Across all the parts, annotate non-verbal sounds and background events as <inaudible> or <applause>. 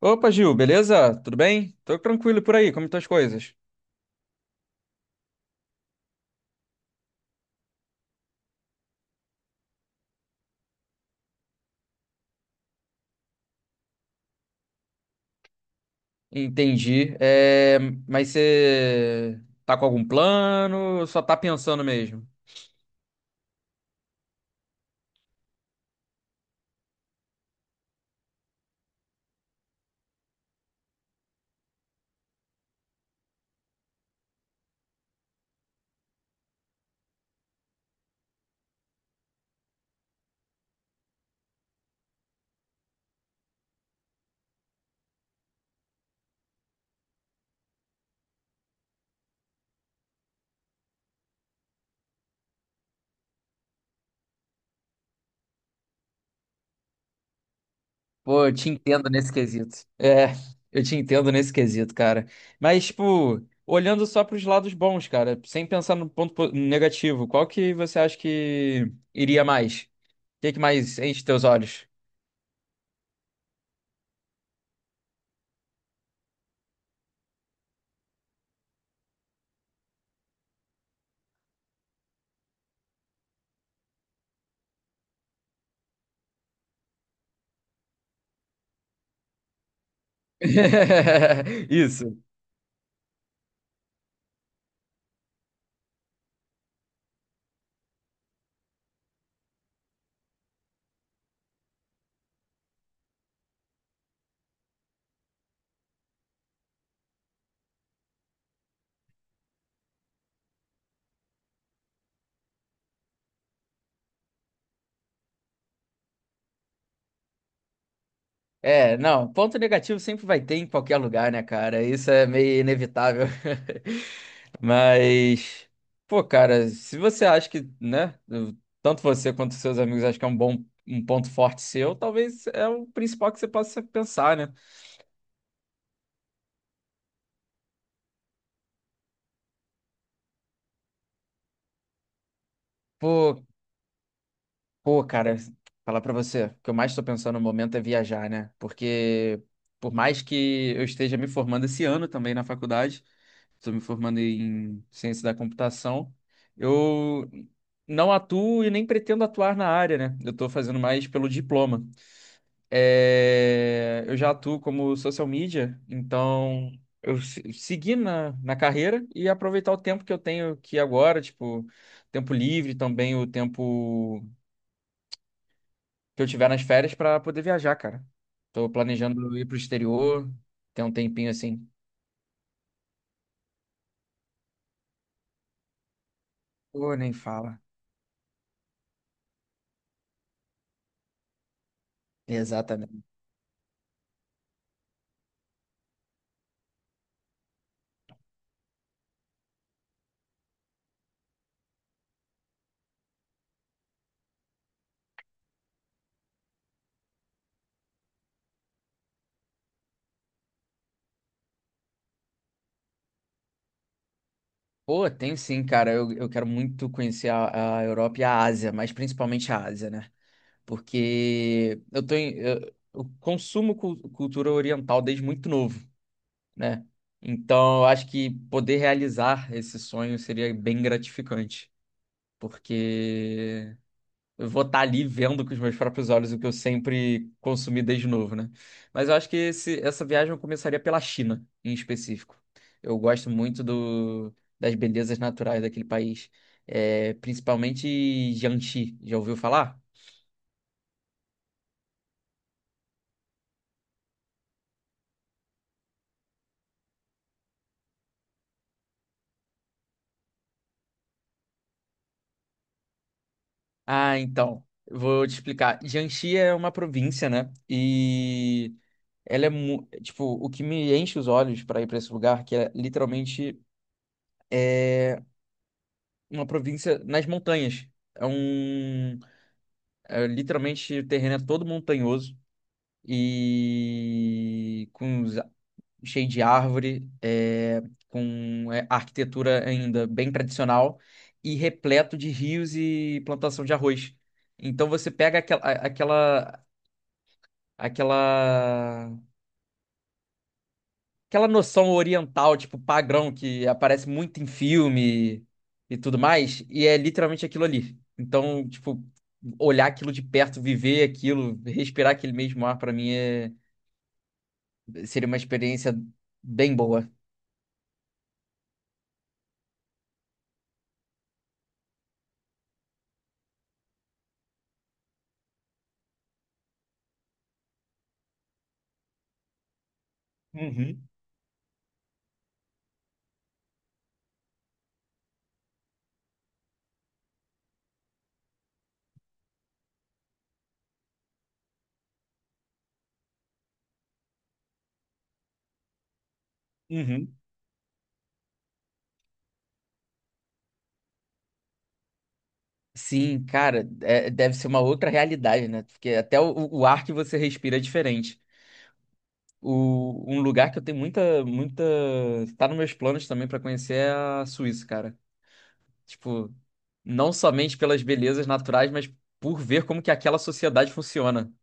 Opa, Gil, beleza? Tudo bem? Tô tranquilo por aí, como estão as coisas? Entendi. Mas você tá com algum plano ou só tá pensando mesmo? Pô, eu te entendo nesse quesito. Eu te entendo nesse quesito, cara. Mas, tipo, olhando só pros lados bons, cara, sem pensar no negativo, qual que você acha que iria mais? O que que mais enche teus olhos? <laughs> Isso. É, não, ponto negativo sempre vai ter em qualquer lugar, né, cara? Isso é meio inevitável. <laughs> Mas, pô, cara, se você acha que, né, tanto você quanto seus amigos acham que é um bom, um ponto forte seu, talvez é o principal que você possa pensar, né? Pô, Pô, cara, falar pra você, o que eu mais tô pensando no momento é viajar, né? Porque por mais que eu esteja me formando esse ano também na faculdade, estou me formando em ciência da computação. Eu não atuo e nem pretendo atuar na área, né? Eu estou fazendo mais pelo diploma. É, eu já atuo como social media, então eu se- segui na carreira e aproveitar o tempo que eu tenho aqui agora, tipo, tempo livre também, o tempo que eu tiver nas férias para poder viajar, cara. Estou planejando ir para o exterior, ter um tempinho assim. Pô, nem fala. Exatamente. Pô, tem sim, cara. Eu quero muito conhecer a Europa e a Ásia, mas principalmente a Ásia, né? Porque eu cultura oriental desde muito novo, né? Então, eu acho que poder realizar esse sonho seria bem gratificante, porque eu vou estar ali vendo com os meus próprios olhos o que eu sempre consumi desde novo, né? Mas eu acho que essa viagem eu começaria pela China, em específico. Eu gosto muito das belezas naturais daquele país. É, principalmente Jiangxi. Já ouviu falar? Ah, então, vou te explicar. Jiangxi é uma província, né? E ela é, tipo, o que me enche os olhos para ir para esse lugar, que é literalmente uma província nas montanhas. É um É, literalmente o terreno é todo montanhoso e cheio de árvore, é, com é, arquitetura ainda bem tradicional e repleto de rios e plantação de arroz. Então você pega aquela aquela noção oriental, tipo padrão que aparece muito em filme e tudo mais, e é literalmente aquilo ali. Então, tipo, olhar aquilo de perto, viver aquilo, respirar aquele mesmo ar, pra mim é... Seria uma experiência bem boa. Uhum, uhum. Sim, cara, é- deve ser uma outra realidade, né? Porque até o ar que você respira é diferente. O, um lugar que eu tenho muita... Tá nos meus planos também pra conhecer é a Suíça, cara. Tipo, não somente pelas belezas naturais, mas por ver como que aquela sociedade funciona.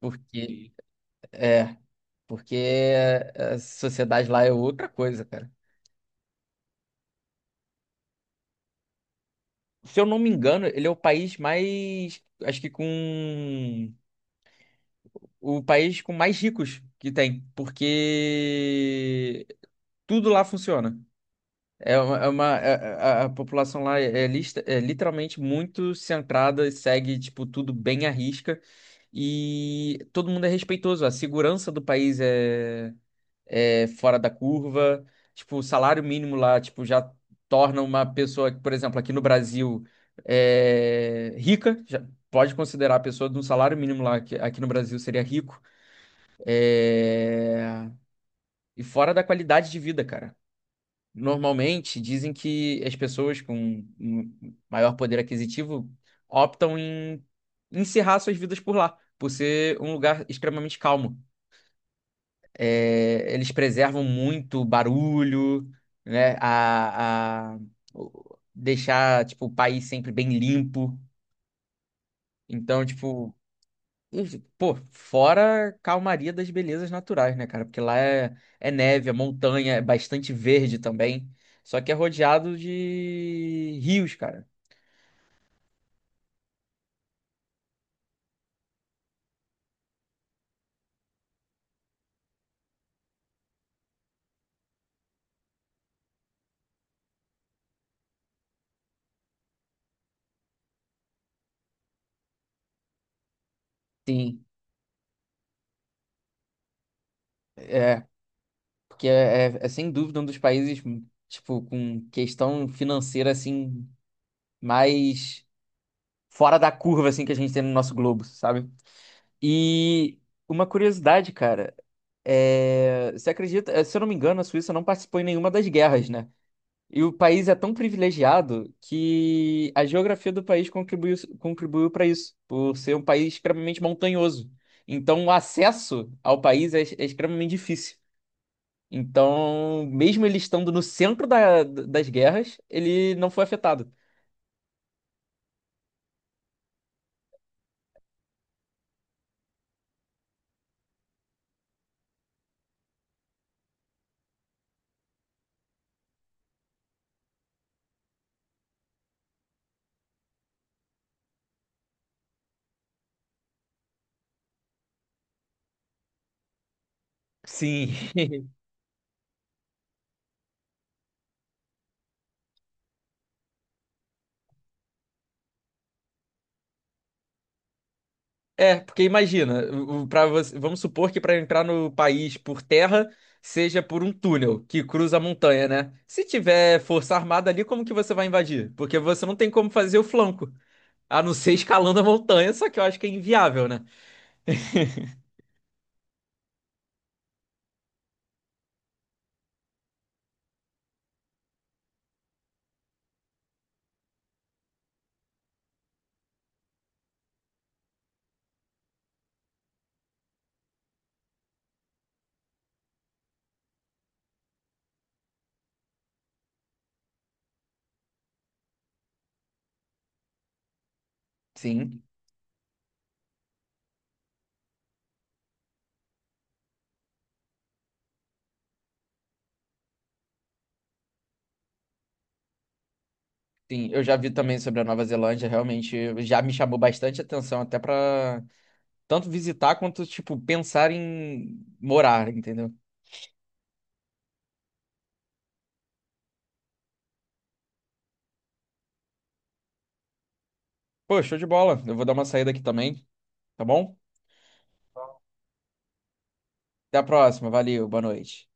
Porque, E- é, porque a sociedade lá é outra coisa, cara. Se eu não me engano, ele é o país mais, acho que com o país com mais ricos que tem, porque tudo lá funciona. A população lá é, é literalmente muito centrada, e segue tipo tudo bem à risca e todo mundo é respeitoso. A segurança do país é, fora da curva. Tipo, o salário mínimo lá, tipo, já torna uma pessoa, por exemplo, aqui no Brasil, é, rica. Já pode considerar a pessoa de um salário mínimo lá, que aqui no Brasil seria rico. É, e fora da qualidade de vida, cara. Normalmente dizem que as pessoas com um maior poder aquisitivo optam em encerrar suas vidas por lá, por ser um lugar extremamente calmo. É, eles preservam muito o barulho, né? Deixar, tipo, o país sempre bem limpo. Então, tipo, isso- pô, fora a calmaria das belezas naturais, né, cara? Porque lá é, é neve, é montanha, é bastante verde também. Só que é rodeado de rios, cara. Sim, é. Porque é sem dúvida um dos países, tipo, com questão financeira, assim, mais fora da curva, assim, que a gente tem no nosso globo, sabe? E uma curiosidade, cara, é... você acredita, se eu não me engano, a Suíça não participou em nenhuma das guerras, né? E o país é tão privilegiado que a geografia do país contribuiu para isso, por ser um país extremamente montanhoso. Então, o acesso ao país é, é extremamente difícil. Então, mesmo ele estando no centro das guerras, ele não foi afetado. Sim. É, porque imagina, para você, vamos supor que para entrar no país por terra seja por um túnel que cruza a montanha, né? Se tiver força armada ali, como que você vai invadir? Porque você não tem como fazer o flanco, a não ser <laughs> escalando a montanha, só que eu acho que é inviável, né? Sim, sim, eu já vi também sobre a Nova Zelândia, realmente já me chamou bastante atenção, até para tanto visitar quanto, tipo, pensar em morar, entendeu? Pô, show de bola, eu vou dar uma saída aqui também, tá bom? Até a próxima, valeu, boa noite.